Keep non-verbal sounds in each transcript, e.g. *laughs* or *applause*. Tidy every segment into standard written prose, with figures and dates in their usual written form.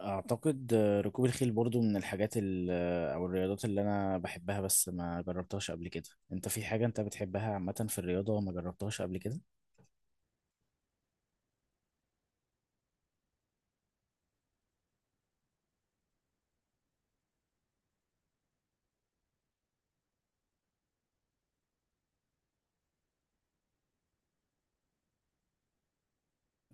اعتقد ركوب الخيل برضو من الحاجات او الرياضات اللي انا بحبها بس ما جربتهاش قبل كده. انت في حاجة انت بتحبها عامة في الرياضة ما جربتهاش قبل كده؟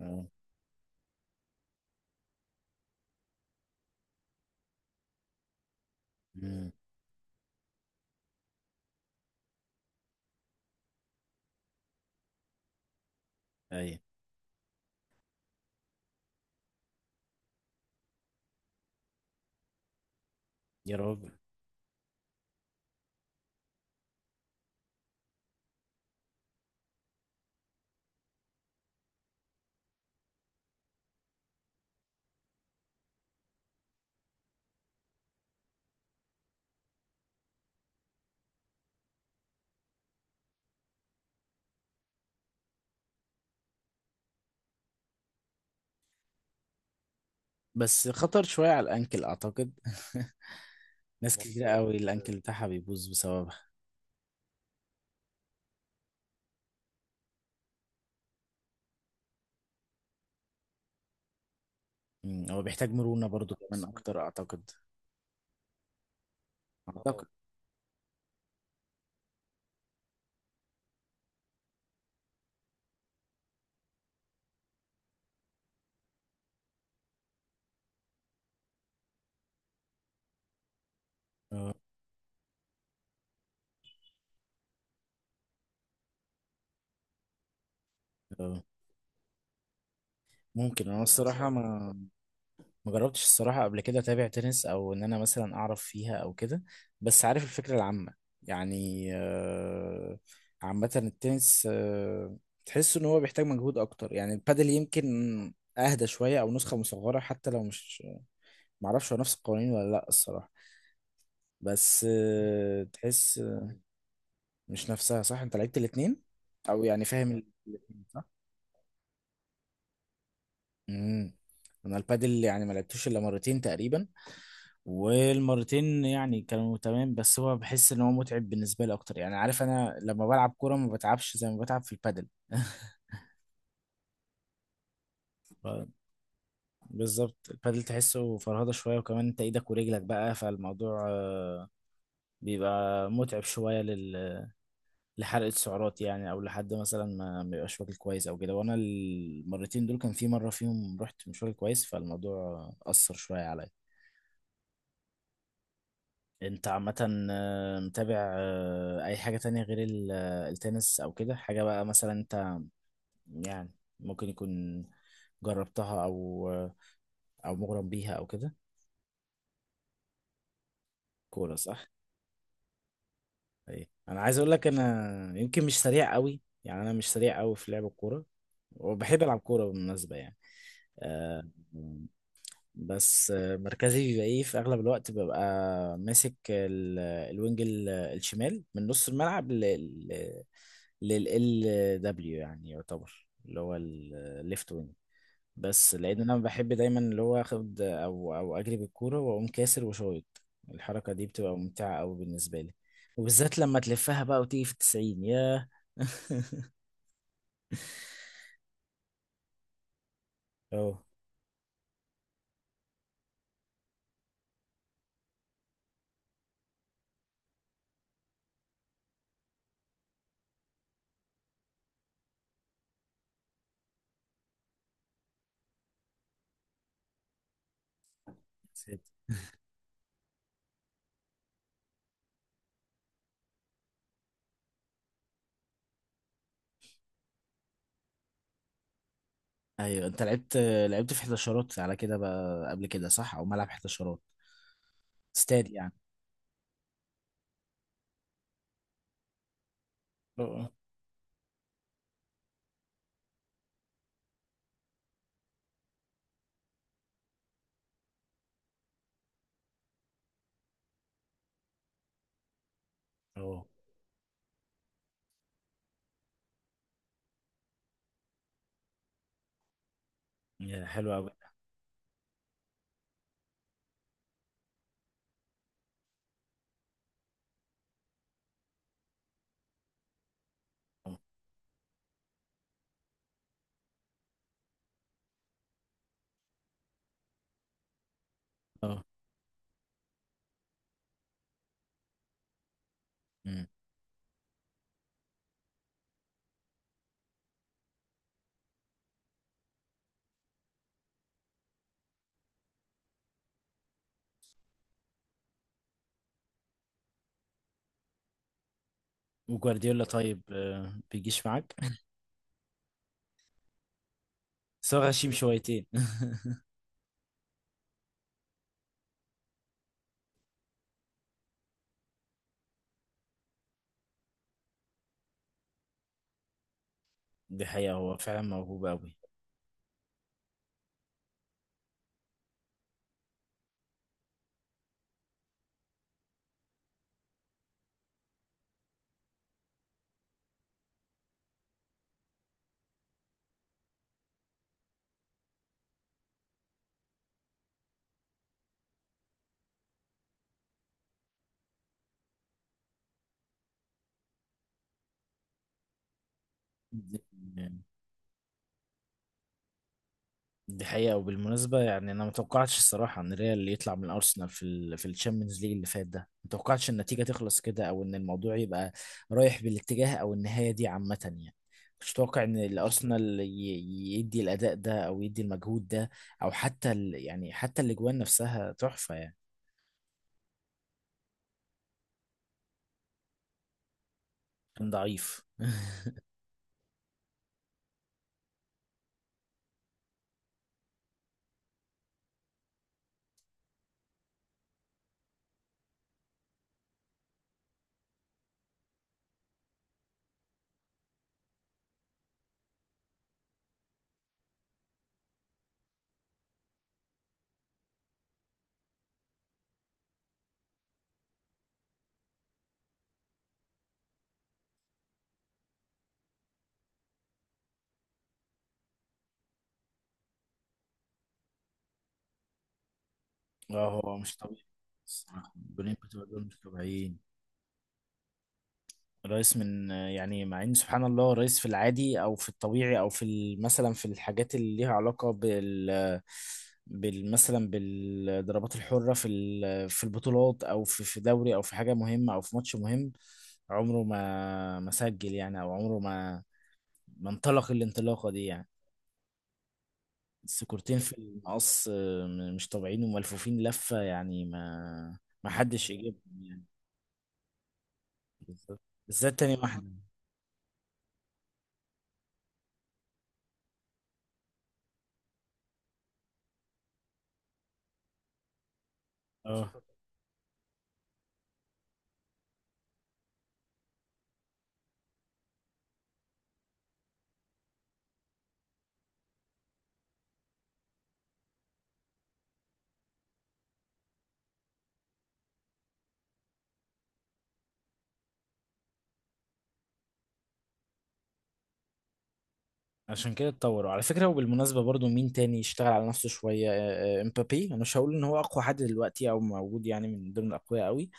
اه. امم. اي. يا راجل. بس خطر شوية على الانكل اعتقد. *laughs* ناس كتير مظبوط قوي، الانكل بتاعها بيبوظ بسببها. مم، هو بيحتاج مرونة برضو كمان اكتر اعتقد. اه اعتقد. اه. اه. ممكن انا يعني الصراحة، بصراحة ما جربتش الصراحة قبل كده أتابع تنس، أو إن أنا مثلا أعرف فيها أو كده. بس عارف الفكرة العامة يعني. عامة التنس، تحس إن هو بيحتاج مجهود أكتر، يعني البادل يمكن أهدى شوية أو نسخة مصغرة، حتى لو مش معرفش هو نفس القوانين ولا لأ الصراحة. بس تحس مش نفسها، صح؟ أنت لعبت الاتنين، أو يعني فاهم الاتنين صح؟ مم. أنا البادل يعني ما لعبتوش إلا مرتين تقريبا. والمرتين يعني كانوا تمام، بس هو بحس ان هو متعب بالنسبه لي اكتر، يعني عارف انا لما بلعب كوره ما بتعبش زي ما بتعب في البادل. *laughs* ف- بالظبط، البادل تحسه فرهضه شويه، وكمان انت ايدك ورجلك بقى، فالموضوع بيبقى متعب شويه لحرقه السعرات، يعني او لحد مثلا ما يبقاش واكل كويس او كده. وانا المرتين دول كان في مره فيهم رحت مش واكل كويس، فالموضوع اثر شويه عليا. انت عامة متابع اي حاجة تانية غير التنس او كده، حاجة بقى مثلا انت يعني ممكن يكون جربتها او مغرم بيها او كده؟ كورة، صح. ايه، انا عايز اقول لك، انا يمكن مش سريع قوي، يعني انا مش سريع قوي في لعب الكورة. وبحب العب كورة بالمناسبة يعني. آه، بس مركزي بيبقى ايه؟ في اغلب الوقت ببقى ماسك الوينج الشمال من نص الملعب لل دبليو، يعني يعتبر اللي هو الليفت وينج. بس لان انا بحب دايما اللي هو اخد او اجري بالكوره واقوم كاسر وشايط. الحركه دي بتبقى ممتعه قوي بالنسبه لي. وبالذات لما تلفها بقى وتيجي في 90، ياه. *laughs* اه. ايوه، انت لعبت في 11 على كده بقى قبل كده، صح؟ او ملعب 11 استادي يعني. اه. اه. يا حلو قوي. اه. أمم. وجوارديولا طيب، بيجيش معاك؟ *laughs* بس هو غشيم شويتين. *laughs* دي حقيقة، هو فعلا موهوب قوي. دي حقيقة. وبالمناسبة يعني أنا متوقعتش الصراحة إن ريال يطلع من أرسنال في في الشامبيونز ليج اللي فات ده، متوقعتش النتيجة تخلص كده أو إن الموضوع يبقى رايح بالاتجاه أو النهاية دي عامة يعني. مش متوقع إن الأرسنال يدي الأداء ده أو يدي المجهود ده. أو حتى يعني حتى الأجوان نفسها تحفة يعني. كان ضعيف. *laughs* اه، هو مش طبيعي الصراحة. الجولين بتوع دول مش طبيعيين. الرئيس من، يعني مع ان سبحان الله الرئيس في العادي او في الطبيعي او في مثلا في الحاجات اللي ليها علاقه بال مثلا بالضربات الحره في في البطولات او في دوري او في حاجه مهمه او في ماتش مهم. عمره ما سجل يعني، او عمره ما انطلق الانطلاقه دي يعني. السكورتين في المقص مش طبيعيين وملفوفين لفه، يعني ما حدش يجيبهم يعني. بالذات، بالذات تاني واحده. اه. عشان كده اتطوروا على فكرة. وبالمناسبة برضو، مين تاني يشتغل على نفسه شوية؟ امبابي. انا مش هقول ان هو اقوى حد دلوقتي او موجود، يعني من ضمن الاقوياء قوي.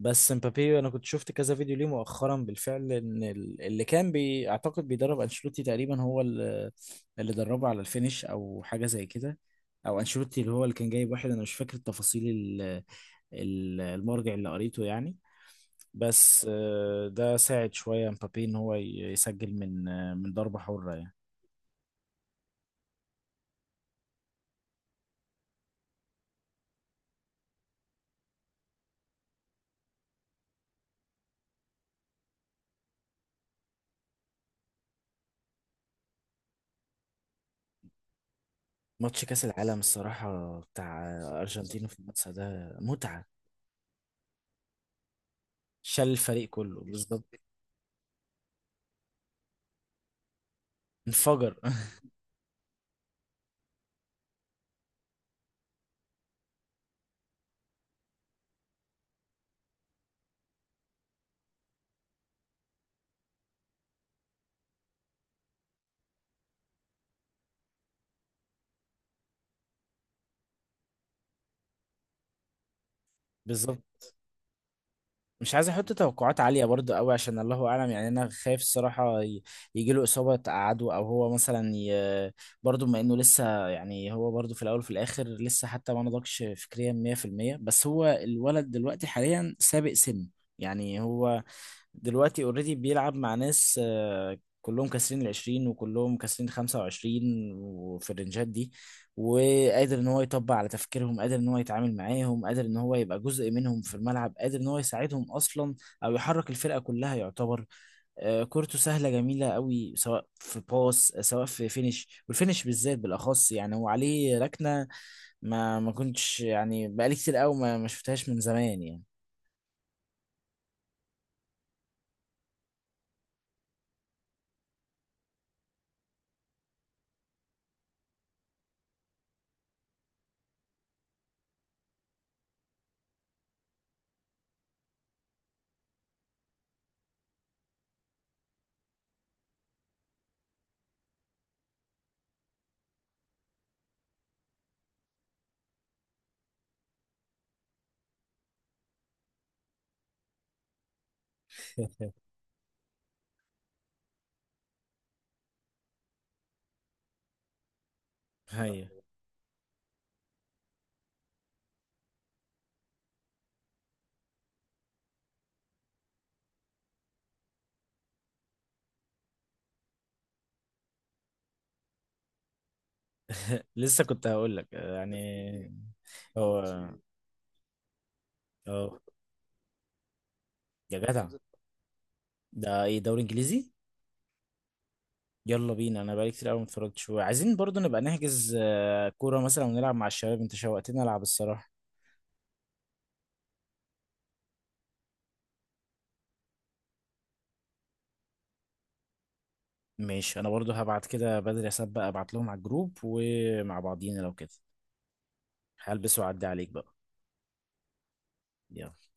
بس امبابي، انا كنت شفت كذا فيديو ليه مؤخرا بالفعل، ان اللي كان اعتقد بيدرب انشيلوتي تقريبا هو اللي دربه على الفينش او حاجة زي كده. او انشيلوتي، اللي هو اللي كان جايب واحد، انا مش فاكر التفاصيل المرجع اللي قريته يعني. بس ده ساعد شوية امبابي ان هو يسجل من ضربة حرة يعني. ماتش كأس العالم الصراحة بتاع أرجنتين وفرنسا ده متعة. شال الفريق كله بالظبط. انفجر. *laughs* بالظبط. مش عايز احط توقعات عالية برضه قوي، عشان الله اعلم، يعني انا خايف الصراحة يجي له إصابة تقعده، او هو مثلا برضه بما انه لسه، يعني هو برضه في الاول وفي الاخر لسه حتى ما نضجش فكريا 100%، بس هو الولد دلوقتي حاليا سابق سن. يعني هو دلوقتي اوريدي بيلعب مع ناس، كلهم كاسرين 20، وكلهم كاسرين 25، وفي الرنجات دي. وقادر ان هو يطبق على تفكيرهم، قادر ان هو يتعامل معاهم، قادر ان هو يبقى جزء منهم في الملعب، قادر ان هو يساعدهم اصلا او يحرك الفرقة كلها يعتبر. كورته سهلة جميلة قوي، سواء في باس سواء في فينش، والفينش بالذات بالاخص، يعني هو عليه ركنة. ما كنتش يعني بقالي كتير قوي ما شفتهاش من زمان يعني. هي. *laughs* لسه كنت هقول لك يعني. هو. اه. يا جدع، ده ايه؟ دوري انجليزي. يلا بينا، انا بقالي كتير قوي ما اتفرجتش، وعايزين برضو نبقى نحجز كوره مثلا ونلعب مع الشباب، انت شوقتني العب الصراحه. ماشي، انا برضو هبعت كده بدري اسبق ابعت لهم على الجروب ومع بعضينا لو كده. هلبس واعدي عليك بقى. يلا.